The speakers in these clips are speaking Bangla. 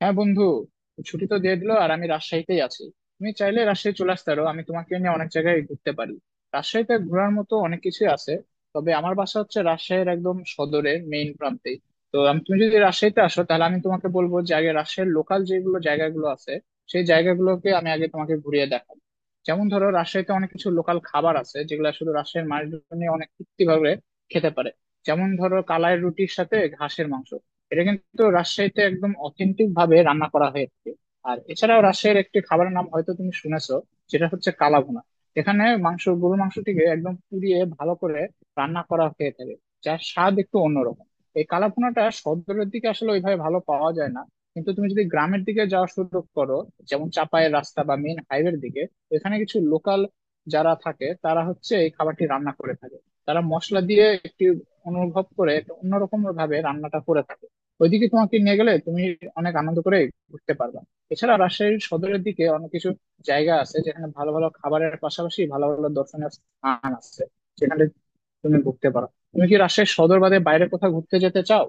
হ্যাঁ বন্ধু, ছুটি তো দিয়ে দিলো আর আমি রাজশাহীতেই আছি। তুমি চাইলে রাজশাহী চলে আসতে পারো, আমি তোমাকে নিয়ে অনেক জায়গায় ঘুরতে পারি। রাজশাহীতে ঘোরার মতো অনেক কিছুই আছে। তবে আমার বাসা হচ্ছে রাজশাহীর একদম সদরের মেইন প্রান্তে। তো আমি, তুমি যদি রাজশাহীতে আসো তাহলে আমি তোমাকে বলবো যে আগে রাজশাহীর লোকাল যেগুলো জায়গাগুলো আছে, সেই জায়গাগুলোকে আমি আগে তোমাকে ঘুরিয়ে দেখাবো। যেমন ধরো, রাজশাহীতে অনেক কিছু লোকাল খাবার আছে যেগুলো শুধু রাজশাহীর মানুষজন অনেক তৃপ্তি ভাবে খেতে পারে। যেমন ধরো, কালাই রুটির সাথে ঘাসের মাংস। এটা কিন্তু রাজশাহীতে একদম অথেন্টিক ভাবে রান্না করা হয়েছে। আর এছাড়াও রাজশাহীর একটি খাবারের নাম হয়তো তুমি শুনেছো, সেটা হচ্ছে কালাভুনা। এখানে মাংস, গরুর মাংসটিকে একদম পুড়িয়ে ভালো করে রান্না করা হয়ে থাকে, যার স্বাদ একটু অন্যরকম। এই কালাভুনাটা শহরের দিকে আসলে ওইভাবে ভালো পাওয়া যায় না, কিন্তু তুমি যদি গ্রামের দিকে যাওয়া শুরু করো, যেমন চাপায়ের রাস্তা বা মেইন হাইওয়ের দিকে, এখানে কিছু লোকাল যারা থাকে তারা হচ্ছে এই খাবারটি রান্না করে থাকে। তারা মশলা দিয়ে একটি অনুভব করে একটা অন্যরকম ভাবে রান্নাটা করে থাকে। ওইদিকে তোমাকে নিয়ে গেলে তুমি অনেক আনন্দ করে ঘুরতে পারবে। এছাড়া রাজশাহীর সদরের দিকে অনেক কিছু জায়গা আছে যেখানে ভালো ভালো খাবারের পাশাপাশি ভালো ভালো দর্শনীয় স্থান আছে, যেখানে তুমি ঘুরতে পারো। তুমি কি রাজশাহীর সদর বাদে বাইরে কোথাও ঘুরতে যেতে চাও?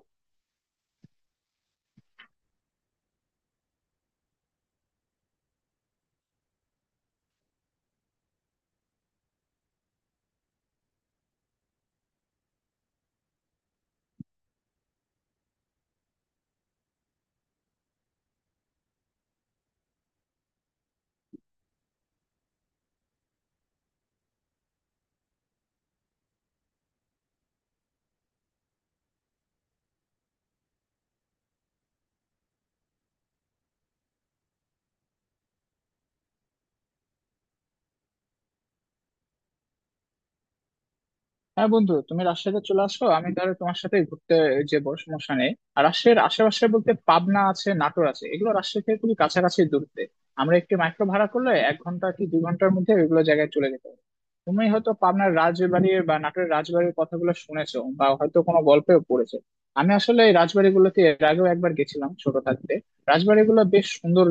হ্যাঁ বন্ধু, তুমি রাজশাহীতে চলে আসো, আমি তাহলে তোমার সাথে ঘুরতে যে বড় সমস্যা নেই। আর রাজশাহীর আশেপাশে বলতে পাবনা আছে, নাটোর আছে, এগুলো রাজশাহী থেকে খুবই কাছাকাছি দূরত্বে। আমরা একটি মাইক্রো ভাড়া করলে 1 ঘন্টা কি 2 ঘন্টার মধ্যে এগুলো জায়গায় চলে যেতে হবে। তুমি হয়তো পাবনার রাজবাড়ির বা নাটোরের রাজবাড়ির কথাগুলো শুনেছো বা হয়তো কোনো গল্পেও পড়েছো। আমি আসলে এই রাজবাড়িগুলোতে এর আগেও একবার গেছিলাম ছোট থাকতে। রাজবাড়িগুলো বেশ সুন্দর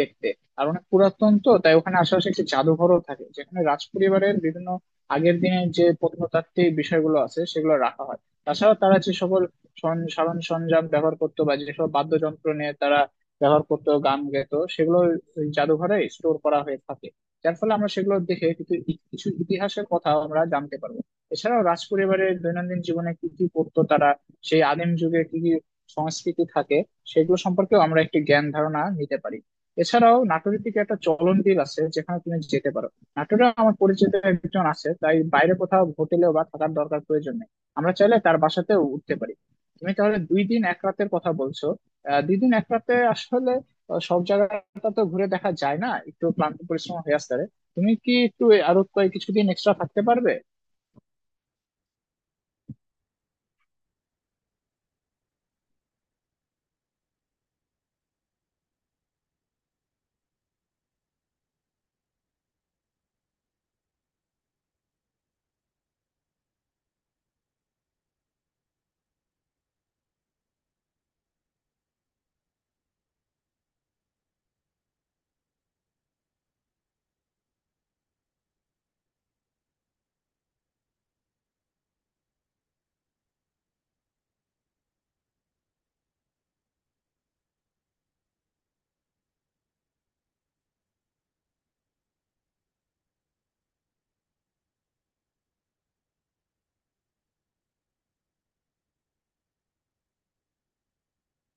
দেখতে। আর অনেক পুরাতন, তো তাই ওখানে আশেপাশে একটি জাদুঘরও থাকে যেখানে রাজপরিবারের বিভিন্ন আগের দিনের যে প্রত্নতাত্ত্বিক বিষয়গুলো আছে সেগুলো রাখা হয়। তাছাড়া তারা যে সকল সাধারণ সরঞ্জাম ব্যবহার করতো বা যেসব বাদ্যযন্ত্র নিয়ে তারা ব্যবহার করতো, গান গেতো, সেগুলো ওই জাদুঘরে স্টোর করা হয়ে থাকে। যার ফলে আমরা সেগুলো দেখে কিছু ইতিহাসের কথা আমরা জানতে পারবো। এছাড়াও রাজপরিবারের দৈনন্দিন জীবনে কি কি করতো তারা, সেই আদিম যুগে কি কি সংস্কৃতি থাকে, সেগুলো সম্পর্কেও আমরা একটি জ্ঞান ধারণা নিতে পারি। এছাড়াও নাটোরের দিকে একটা চলন বিল আছে যেখানে তুমি যেতে পারো। নাটোরে আমার পরিচিত একজন আছে, তাই বাইরে কোথাও হোটেলে বা থাকার দরকার প্রয়োজন নেই, আমরা চাইলে তার বাসাতেও উঠতে পারি। তুমি তাহলে 2 দিন 1 রাতের কথা বলছো। 2 দিন 1 রাতে আসলে সব জায়গাটা তো ঘুরে দেখা যায় না, একটু ক্লান্ত পরিশ্রম হয়ে আসতে পারে। তুমি কি একটু আরো কয়েক কিছুদিন এক্সট্রা থাকতে পারবে?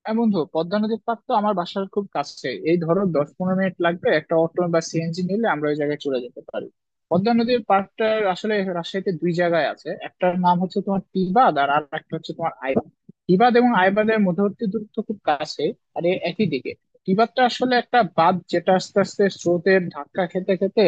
হ্যাঁ বন্ধু, পদ্মা নদীর পাড় তো আমার বাসার খুব কাছে, এই ধরো 10-15 মিনিট লাগবে একটা অটো বা সিএনজি নিলে, আমরা ওই জায়গায় চলে যেতে পারি। পদ্মা নদীর পাড়টা আসলে রাজশাহীতে দুই জায়গায় আছে। একটার নাম হচ্ছে তোমার টিবাদ আর আর একটা হচ্ছে তোমার আইবাদ। টিবাদ এবং আইবাদের মধ্যবর্তী দূরত্ব খুব কাছে আর এ একই দিকে। টিবাদটা আসলে একটা বাঁধ, যেটা আস্তে আস্তে স্রোতের ধাক্কা খেতে খেতে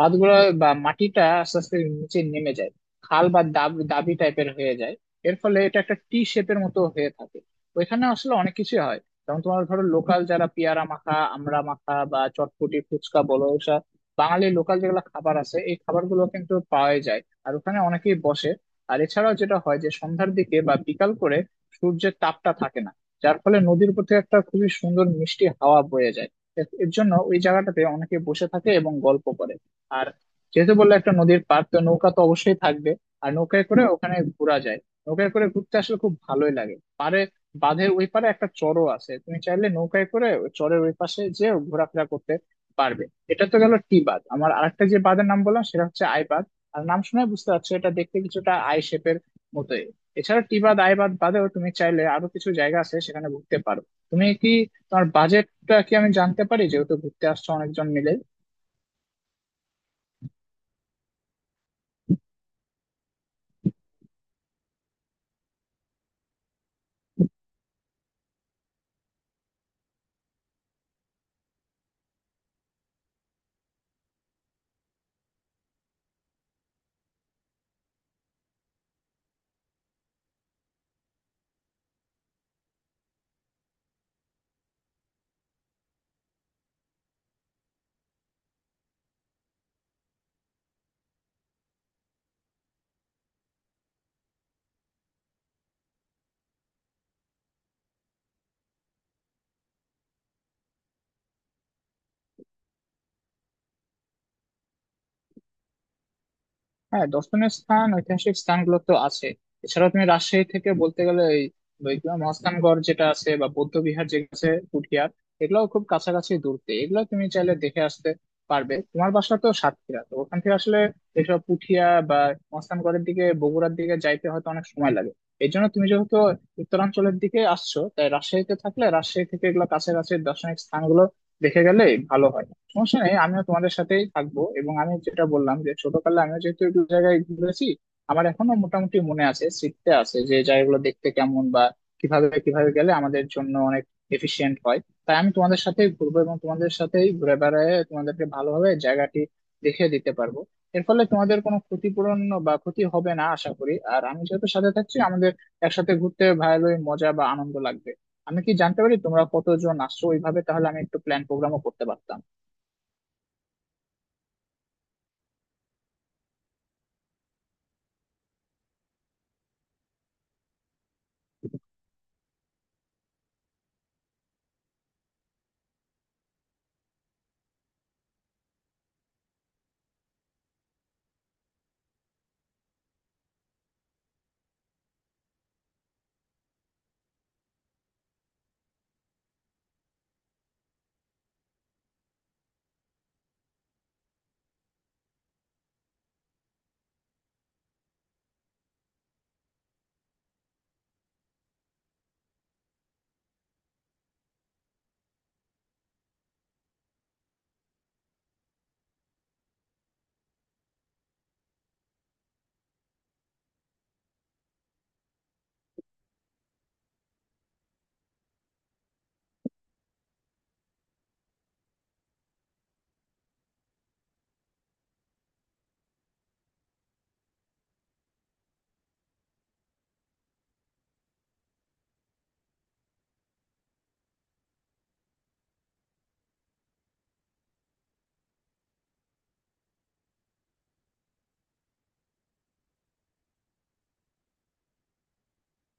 বাঁধগুলো বা মাটিটা আস্তে আস্তে নিচে নেমে যায়, খাল বা দাবি দাবি টাইপের হয়ে যায়। এর ফলে এটা একটা টি শেপের মতো হয়ে থাকে। ওইখানে আসলে অনেক কিছুই হয়। যেমন তোমার ধরো, লোকাল যারা পেয়ারা মাখা, আমড়া মাখা বা চটপটি ফুচকা বলো, ওসব বাঙালি লোকাল যেগুলো খাবার আছে এই খাবারগুলো কিন্তু পাওয়াই যায়, আর ওখানে অনেকেই বসে। আর এছাড়াও যেটা হয় যে সন্ধ্যার দিকে বা বিকাল করে সূর্যের তাপটা থাকে না, যার ফলে নদীর প্রতি একটা খুবই সুন্দর মিষ্টি হাওয়া বয়ে যায়। এর এর জন্য ওই জায়গাটাতে অনেকে বসে থাকে এবং গল্প করে। আর যেহেতু বললে একটা নদীর পার, তো নৌকা তো অবশ্যই থাকবে। আর নৌকায় করে ওখানে ঘোরা যায়, নৌকায় করে ঘুরতে আসলে খুব ভালোই লাগে পারে। বাঁধের ওই পারে একটা চরও আছে, তুমি চাইলে নৌকায় করে ওই চরের ওই পাশে যে ঘোরাফেরা করতে পারবে। এটা তো গেল টি বাঁধ। আমার আরেকটা যে বাঁধের নাম বললাম সেটা হচ্ছে আই বাঁধ। আর নাম শুনে বুঝতে পারছো, এটা দেখতে কিছুটা আই শেপের মতোই। এছাড়া টি বাঁধ, আই বাঁধ বাদেও তুমি চাইলে আরো কিছু জায়গা আছে সেখানে ঘুরতে পারো। তুমি কি, তোমার বাজেটটা কি আমি জানতে পারি, যেহেতু ঘুরতে আসছো অনেকজন মিলে? হ্যাঁ, দর্শনীয় স্থান ঐতিহাসিক স্থানগুলো তো আছে। এছাড়াও তুমি রাজশাহী থেকে বলতে গেলে এই বৈকুণ্ঠ মহাস্থানগড় যেটা আছে বা বৌদ্ধ বিহার যে আছে পুঠিয়ার, এগুলো খুব কাছাকাছি দূরতে, এগুলো তুমি চাইলে দেখে আসতে পারবে। তোমার বাসা তো সাতক্ষীরা, তো ওখান থেকে আসলে এসব পুঠিয়া বা মহাস্থানগড়ের দিকে, বগুড়ার দিকে যাইতে হয়তো অনেক সময় লাগে। এই জন্য তুমি যেহেতু উত্তরাঞ্চলের দিকে আসছো, তাই রাজশাহীতে থাকলে রাজশাহী থেকে এগুলো কাছাকাছি দর্শনিক স্থানগুলো দেখে গেলে ভালো হয়। সমস্যা নেই, আমিও তোমাদের সাথেই থাকবো। এবং আমি যেটা বললাম যে ছোটকালে আমিও যেহেতু একটু জায়গায় ঘুরেছি, আমার এখনো মোটামুটি মনে আছে, স্মৃতিতে আছে যে জায়গাগুলো দেখতে কেমন বা কিভাবে কিভাবে গেলে আমাদের জন্য অনেক এফিশিয়েন্ট হয়। তাই আমি তোমাদের সাথেই ঘুরবো এবং তোমাদের সাথেই ঘুরে বেড়ায় তোমাদেরকে ভালোভাবে জায়গাটি দেখিয়ে দিতে পারবো। এর ফলে তোমাদের কোনো ক্ষতিপূরণ বা ক্ষতি হবে না আশা করি। আর আমি যেহেতু সাথে থাকছি, আমাদের একসাথে ঘুরতে ভালোই মজা বা আনন্দ লাগবে। আমি কি জানতে পারি তোমরা কতজন আসছো ওইভাবে, তাহলে আমি একটু প্ল্যান প্রোগ্রামও করতে পারতাম।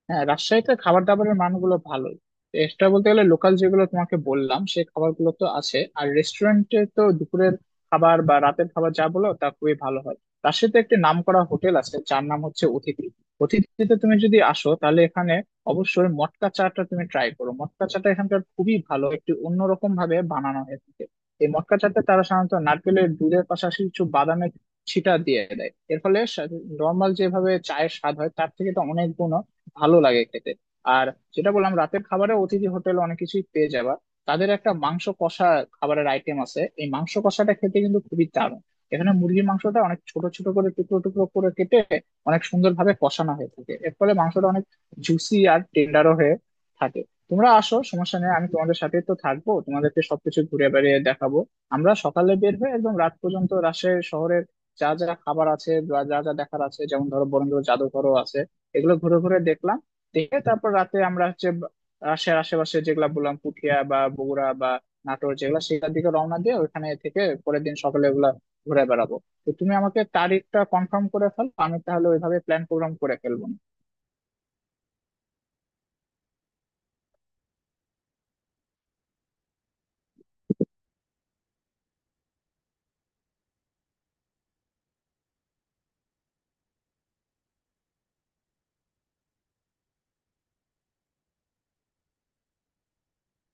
হ্যাঁ, রাজশাহীতে খাবার দাবারের মানগুলো ভালোই। এক্সট্রা বলতে গেলে লোকাল যেগুলো তোমাকে বললাম সেই খাবারগুলো তো আছে, আর রেস্টুরেন্টে তো দুপুরের খাবার বা রাতের খাবার যা বলো তা খুবই ভালো হয়। রাজশাহীতে একটি নামকরা হোটেল আছে যার নাম হচ্ছে অতিথি। অতিথিতে তুমি যদি আসো, তাহলে এখানে অবশ্যই মটকা চাটা তুমি ট্রাই করো। মটকা চাটা এখানকার খুবই ভালো, একটি অন্যরকম ভাবে বানানো হয়ে থাকে। এই মটকা চাতে তারা সাধারণত নারকেলের দুধের পাশাপাশি কিছু বাদামের ছিটা দিয়ে দেয়, এর ফলে নর্মাল যেভাবে চায়ের স্বাদ হয় তার থেকে তো অনেক গুণ ভালো লাগে খেতে। আর যেটা বললাম, রাতের খাবারে অতিথি হোটেল অনেক কিছুই পেয়ে যাবা। তাদের একটা মাংস কষা খাবারের আইটেম আছে, এই মাংস কষাটা খেতে কিন্তু খুবই দারুণ। এখানে মুরগির মাংসটা অনেক ছোট ছোট করে, টুকরো টুকরো করে কেটে অনেক সুন্দরভাবে কষানো হয়ে থাকে। এর ফলে মাংসটা অনেক জুসি আর টেন্ডারও হয়ে থাকে। তোমরা আসো, সমস্যা নেই, আমি তোমাদের সাথে তো থাকবো, তোমাদেরকে সবকিছু ঘুরে বেড়িয়ে দেখাবো। আমরা সকালে বের হয়ে একদম রাত পর্যন্ত রাজশাহী শহরের যা যা খাবার আছে বা যা যা দেখার আছে, যেমন ধরো বরেন্দ্র জাদুঘরও আছে, এগুলো ঘুরে ঘুরে দেখলাম। দেখে তারপর রাতে আমরা হচ্ছে রাজশাহীর আশেপাশে যেগুলা বললাম পুঠিয়া বা বগুড়া বা নাটোর যেগুলা, সেগুলোর দিকে রওনা দিয়ে ওখানে থেকে পরের দিন সকালে ওগুলা ঘুরে বেড়াবো। তো তুমি আমাকে তারিখটা কনফার্ম করে ফেলো, আমি তাহলে ওইভাবে প্ল্যান প্রোগ্রাম করে ফেলবো।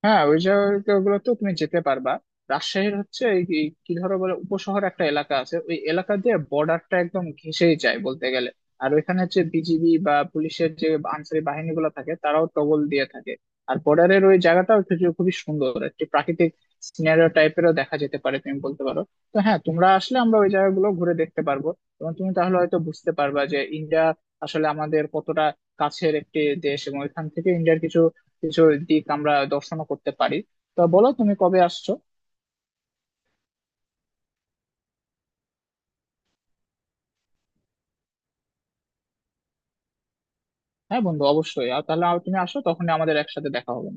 হ্যাঁ, ওই জায়গাগুলো তো তুমি যেতে পারবা। রাজশাহীর হচ্ছে এই এই কি ধরো, বলে উপশহর একটা এলাকা আছে, ওই এলাকা দিয়ে বর্ডারটা একদম ঘেঁষেই যায় বলতে গেলে। আর ওইখানে হচ্ছে বিজিবি বা পুলিশের যে আনসারি বাহিনীগুলো থাকে, তারাও টগল দিয়ে থাকে। আর বর্ডারের ওই জায়গাটাও কিছু খুবই সুন্দর একটি প্রাকৃতিক সিনারিও টাইপেরও দেখা যেতে পারে তুমি বলতে পারো। তো হ্যাঁ, তোমরা আসলে আমরা ওই জায়গাগুলো ঘুরে দেখতে পারবো এবং তুমি তাহলে হয়তো বুঝতে পারবা যে ইন্ডিয়া আসলে আমাদের কতটা কাছের একটি দেশ এবং এখান থেকে ইন্ডিয়ার কিছু কিছু দিক আমরা দর্শনও করতে পারি। তা বলো, তুমি কবে আসছো? হ্যাঁ বন্ধু, অবশ্যই। আর তাহলে আর তুমি আসো, তখন আমাদের একসাথে দেখা হবে।